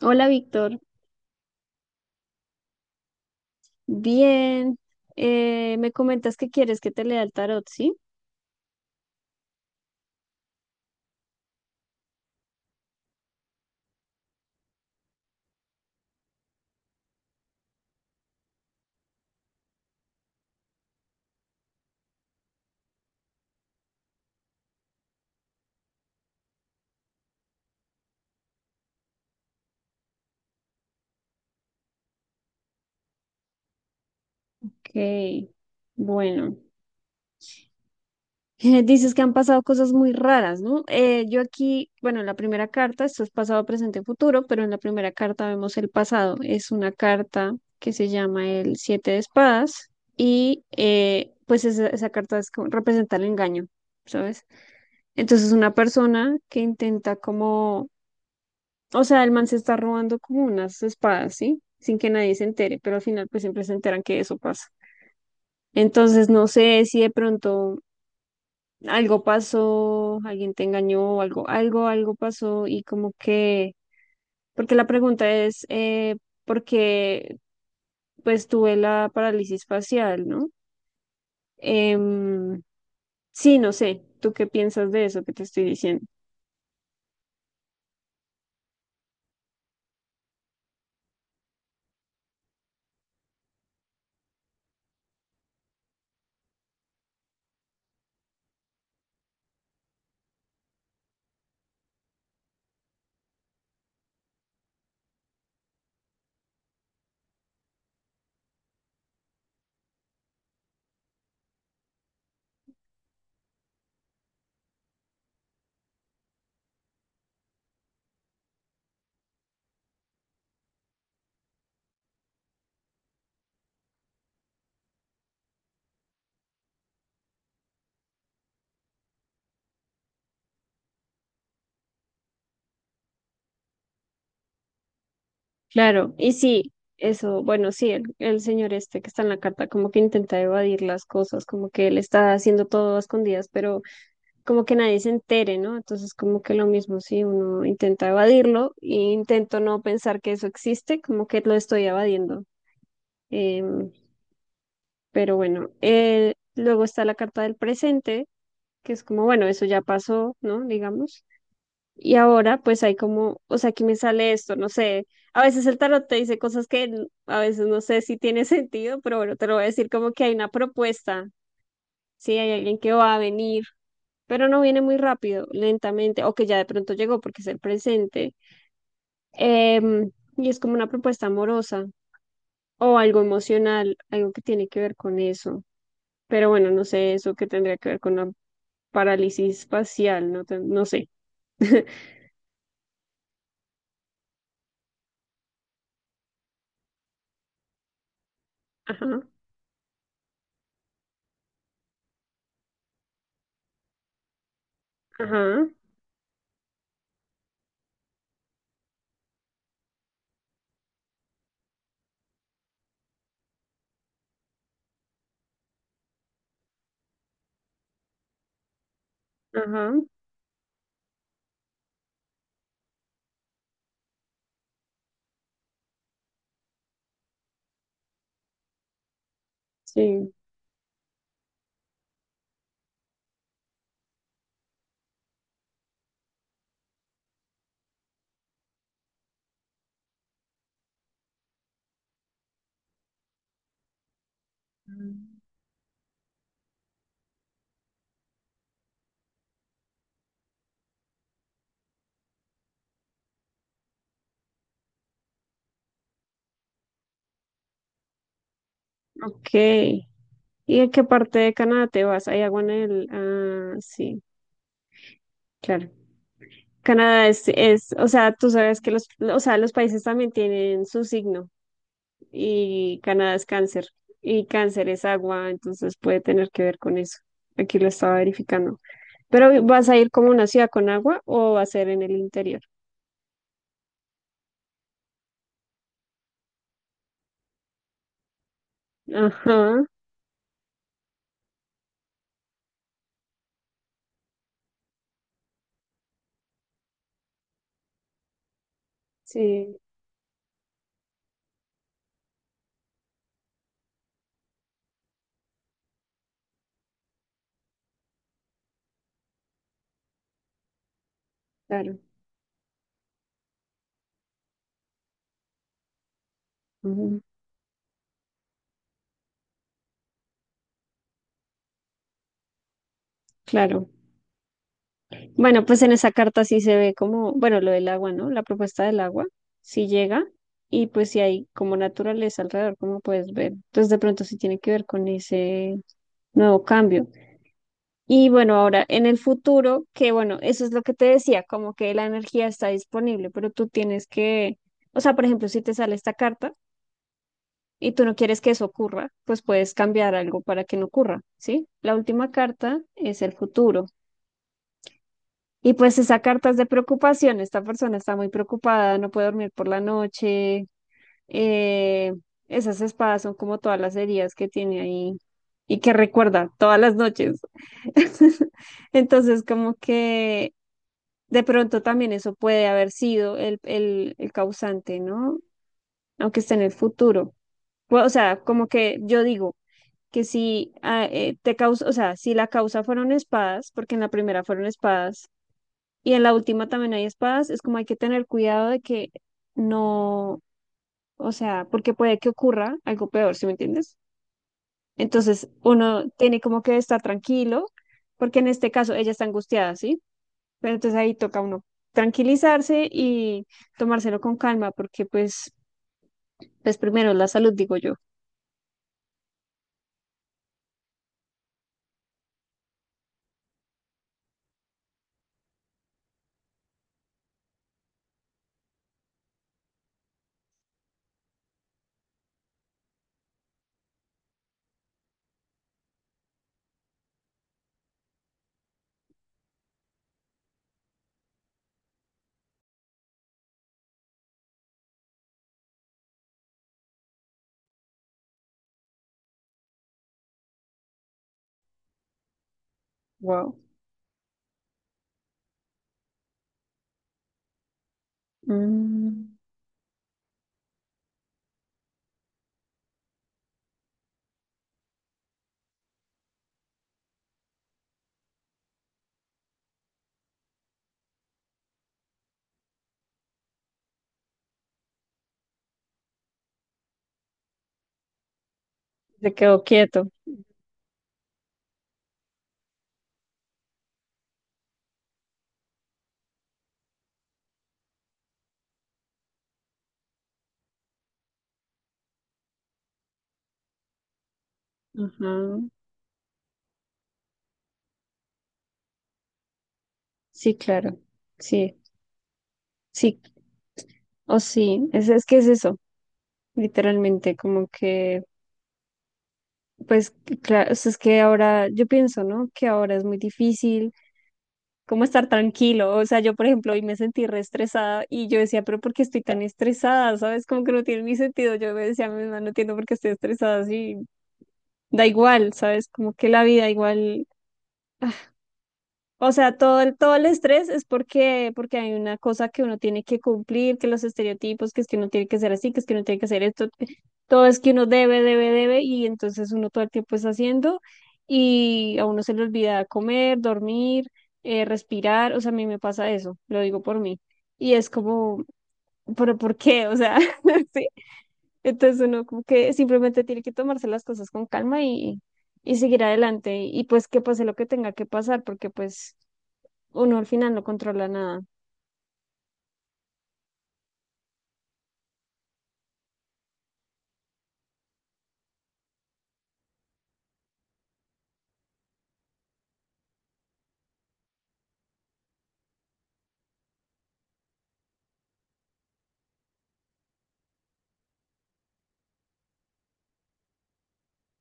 Hola, Víctor. Bien. Me comentas que quieres que te lea el tarot, ¿sí? Ok. Bueno. Dices que han pasado cosas muy raras, ¿no? Yo aquí, bueno, en la primera carta, esto es pasado, presente, futuro, pero en la primera carta vemos el pasado. Es una carta que se llama el Siete de Espadas y pues esa carta es como- representa el engaño, ¿sabes? Entonces una persona que intenta como... O sea, el man se está robando como unas espadas, ¿sí? Sin que nadie se entere, pero al final pues siempre se enteran que eso pasa. Entonces no sé si de pronto algo pasó, alguien te engañó, algo pasó y como que, porque la pregunta es, ¿por qué pues tuve la parálisis facial, ¿no? Em, sí, no sé, ¿tú qué piensas de eso que te estoy diciendo? Claro, y sí, eso, bueno, sí, el señor este que está en la carta como que intenta evadir las cosas, como que él está haciendo todo a escondidas, pero como que nadie se entere, ¿no? Entonces como que lo mismo si uno intenta evadirlo e intento no pensar que eso existe, como que lo estoy evadiendo. Em, pero bueno, luego está la carta del presente, que es como, bueno, eso ya pasó, ¿no? Digamos. Y ahora pues hay como, o sea, aquí me sale esto, no sé, a veces el tarot te dice cosas que n- a veces no sé si tiene sentido, pero bueno, te lo voy a decir como que hay una propuesta, sí, hay alguien que va a venir, pero no viene muy rápido, lentamente, o que ya de pronto llegó porque es el presente, em, y es como una propuesta amorosa o algo emocional, algo que tiene que ver con eso, pero bueno, no sé eso que tendría que ver con la parálisis facial, no, te- no sé. Ajá, ajá, ajá. Sí, ok. ¿Y en qué parte de Canadá te vas? ¿Hay agua en el...? Ah, sí, claro. Canadá es, o sea, tú sabes que los, o sea, los países también tienen su signo y Canadá es cáncer y cáncer es agua, entonces puede tener que ver con eso. Aquí lo estaba verificando. Pero ¿vas a ir como una ciudad con agua o va a ser en el interior? Ajá, sí, claro. Ujú. Claro. Bueno, pues en esa carta sí se ve como, bueno, lo del agua, ¿no? La propuesta del agua, sí llega y pues sí hay como naturaleza alrededor, como puedes ver. Entonces de pronto sí tiene que ver con ese nuevo cambio. Y bueno, ahora en el futuro, que bueno, eso es lo que te decía, como que la energía está disponible, pero tú tienes que, o sea, por ejemplo, si te sale esta carta y tú no quieres que eso ocurra, pues puedes cambiar algo para que no ocurra, ¿sí? La última carta es el futuro. Y pues esa carta es de preocupación, esta persona está muy preocupada, no puede dormir por la noche, eh, esas espadas son como todas las heridas que tiene ahí y que recuerda todas las noches. Entonces, como que de pronto también eso puede haber sido el causante, ¿no? Aunque esté en el futuro. Pues, o sea, como que yo digo que si ah, te causa, o sea, si la causa fueron espadas, porque en la primera fueron espadas y en la última también hay espadas, es como hay que tener cuidado de que no, o sea, porque puede que ocurra algo peor, ¿sí me entiendes? Entonces uno tiene como que estar tranquilo, porque en este caso ella está angustiada, ¿sí? Pero entonces ahí toca uno tranquilizarse y tomárselo con calma, porque pues, pues primero la salud, digo yo. Wow. Mm, se quedó quieto. Ajá. Sí, claro. Sí, sí. O sí, es que es eso, literalmente, como que... Pues claro, o sea, es que ahora, yo pienso, ¿no? Que ahora es muy difícil como estar tranquilo. O sea, yo, por ejemplo, hoy me sentí re estresada y yo decía, pero ¿por qué estoy tan estresada? ¿Sabes? Como que no tiene ni sentido. Yo me decía a mi mamá, no entiendo por qué estoy estresada así. Da igual, ¿sabes? Como que la vida igual, o sea, todo el estrés es porque, porque hay una cosa que uno tiene que cumplir, que los estereotipos, que es que uno tiene que ser así, que es que uno tiene que hacer esto, que- todo es que uno debe, y entonces uno todo el tiempo está haciendo y a uno se le olvida comer, dormir, respirar, o sea, a mí me pasa eso, lo digo por mí, y es como, pero ¿por qué? O sea, sí, entonces uno como que simplemente tiene que tomarse las cosas con calma y seguir adelante y pues que pase lo que tenga que pasar, porque pues uno al final no controla nada.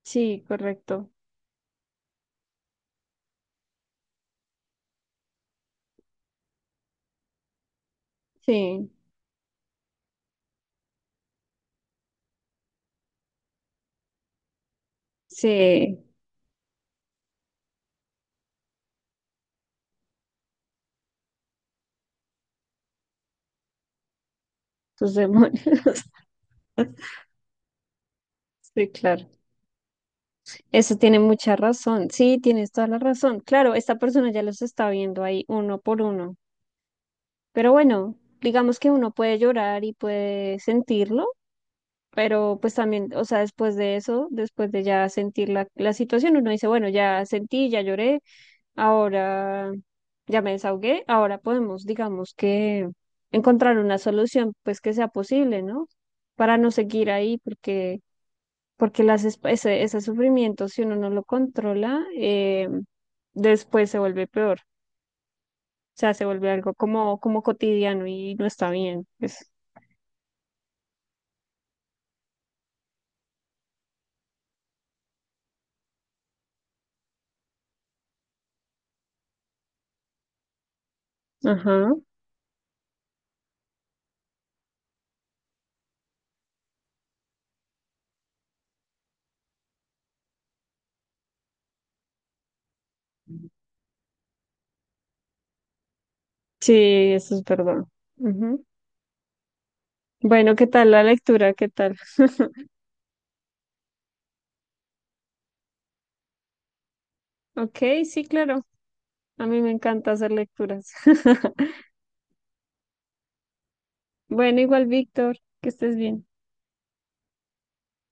Sí, correcto. Sí, sí, tus demonios. Sí, claro. Eso tiene mucha razón. Sí, tienes toda la razón. Claro, esta persona ya los está viendo ahí uno por uno. Pero bueno, digamos que uno puede llorar y puede sentirlo, pero pues también, o sea, después de eso, después de ya sentir la, la situación, uno dice, bueno, ya sentí, ya lloré, ahora ya me desahogué, ahora podemos, digamos que encontrar una solución pues que sea posible, ¿no? Para no seguir ahí, porque, porque las, esp- ese sufrimiento, si uno no lo controla, después se vuelve peor. O sea, se vuelve algo como, como cotidiano y no está bien. Pues. Ajá. Sí, eso es verdad. Ujú. Bueno, ¿qué tal la lectura? ¿Qué tal? Ok, sí, claro. A mí me encanta hacer lecturas. Bueno, igual, Víctor, que estés bien.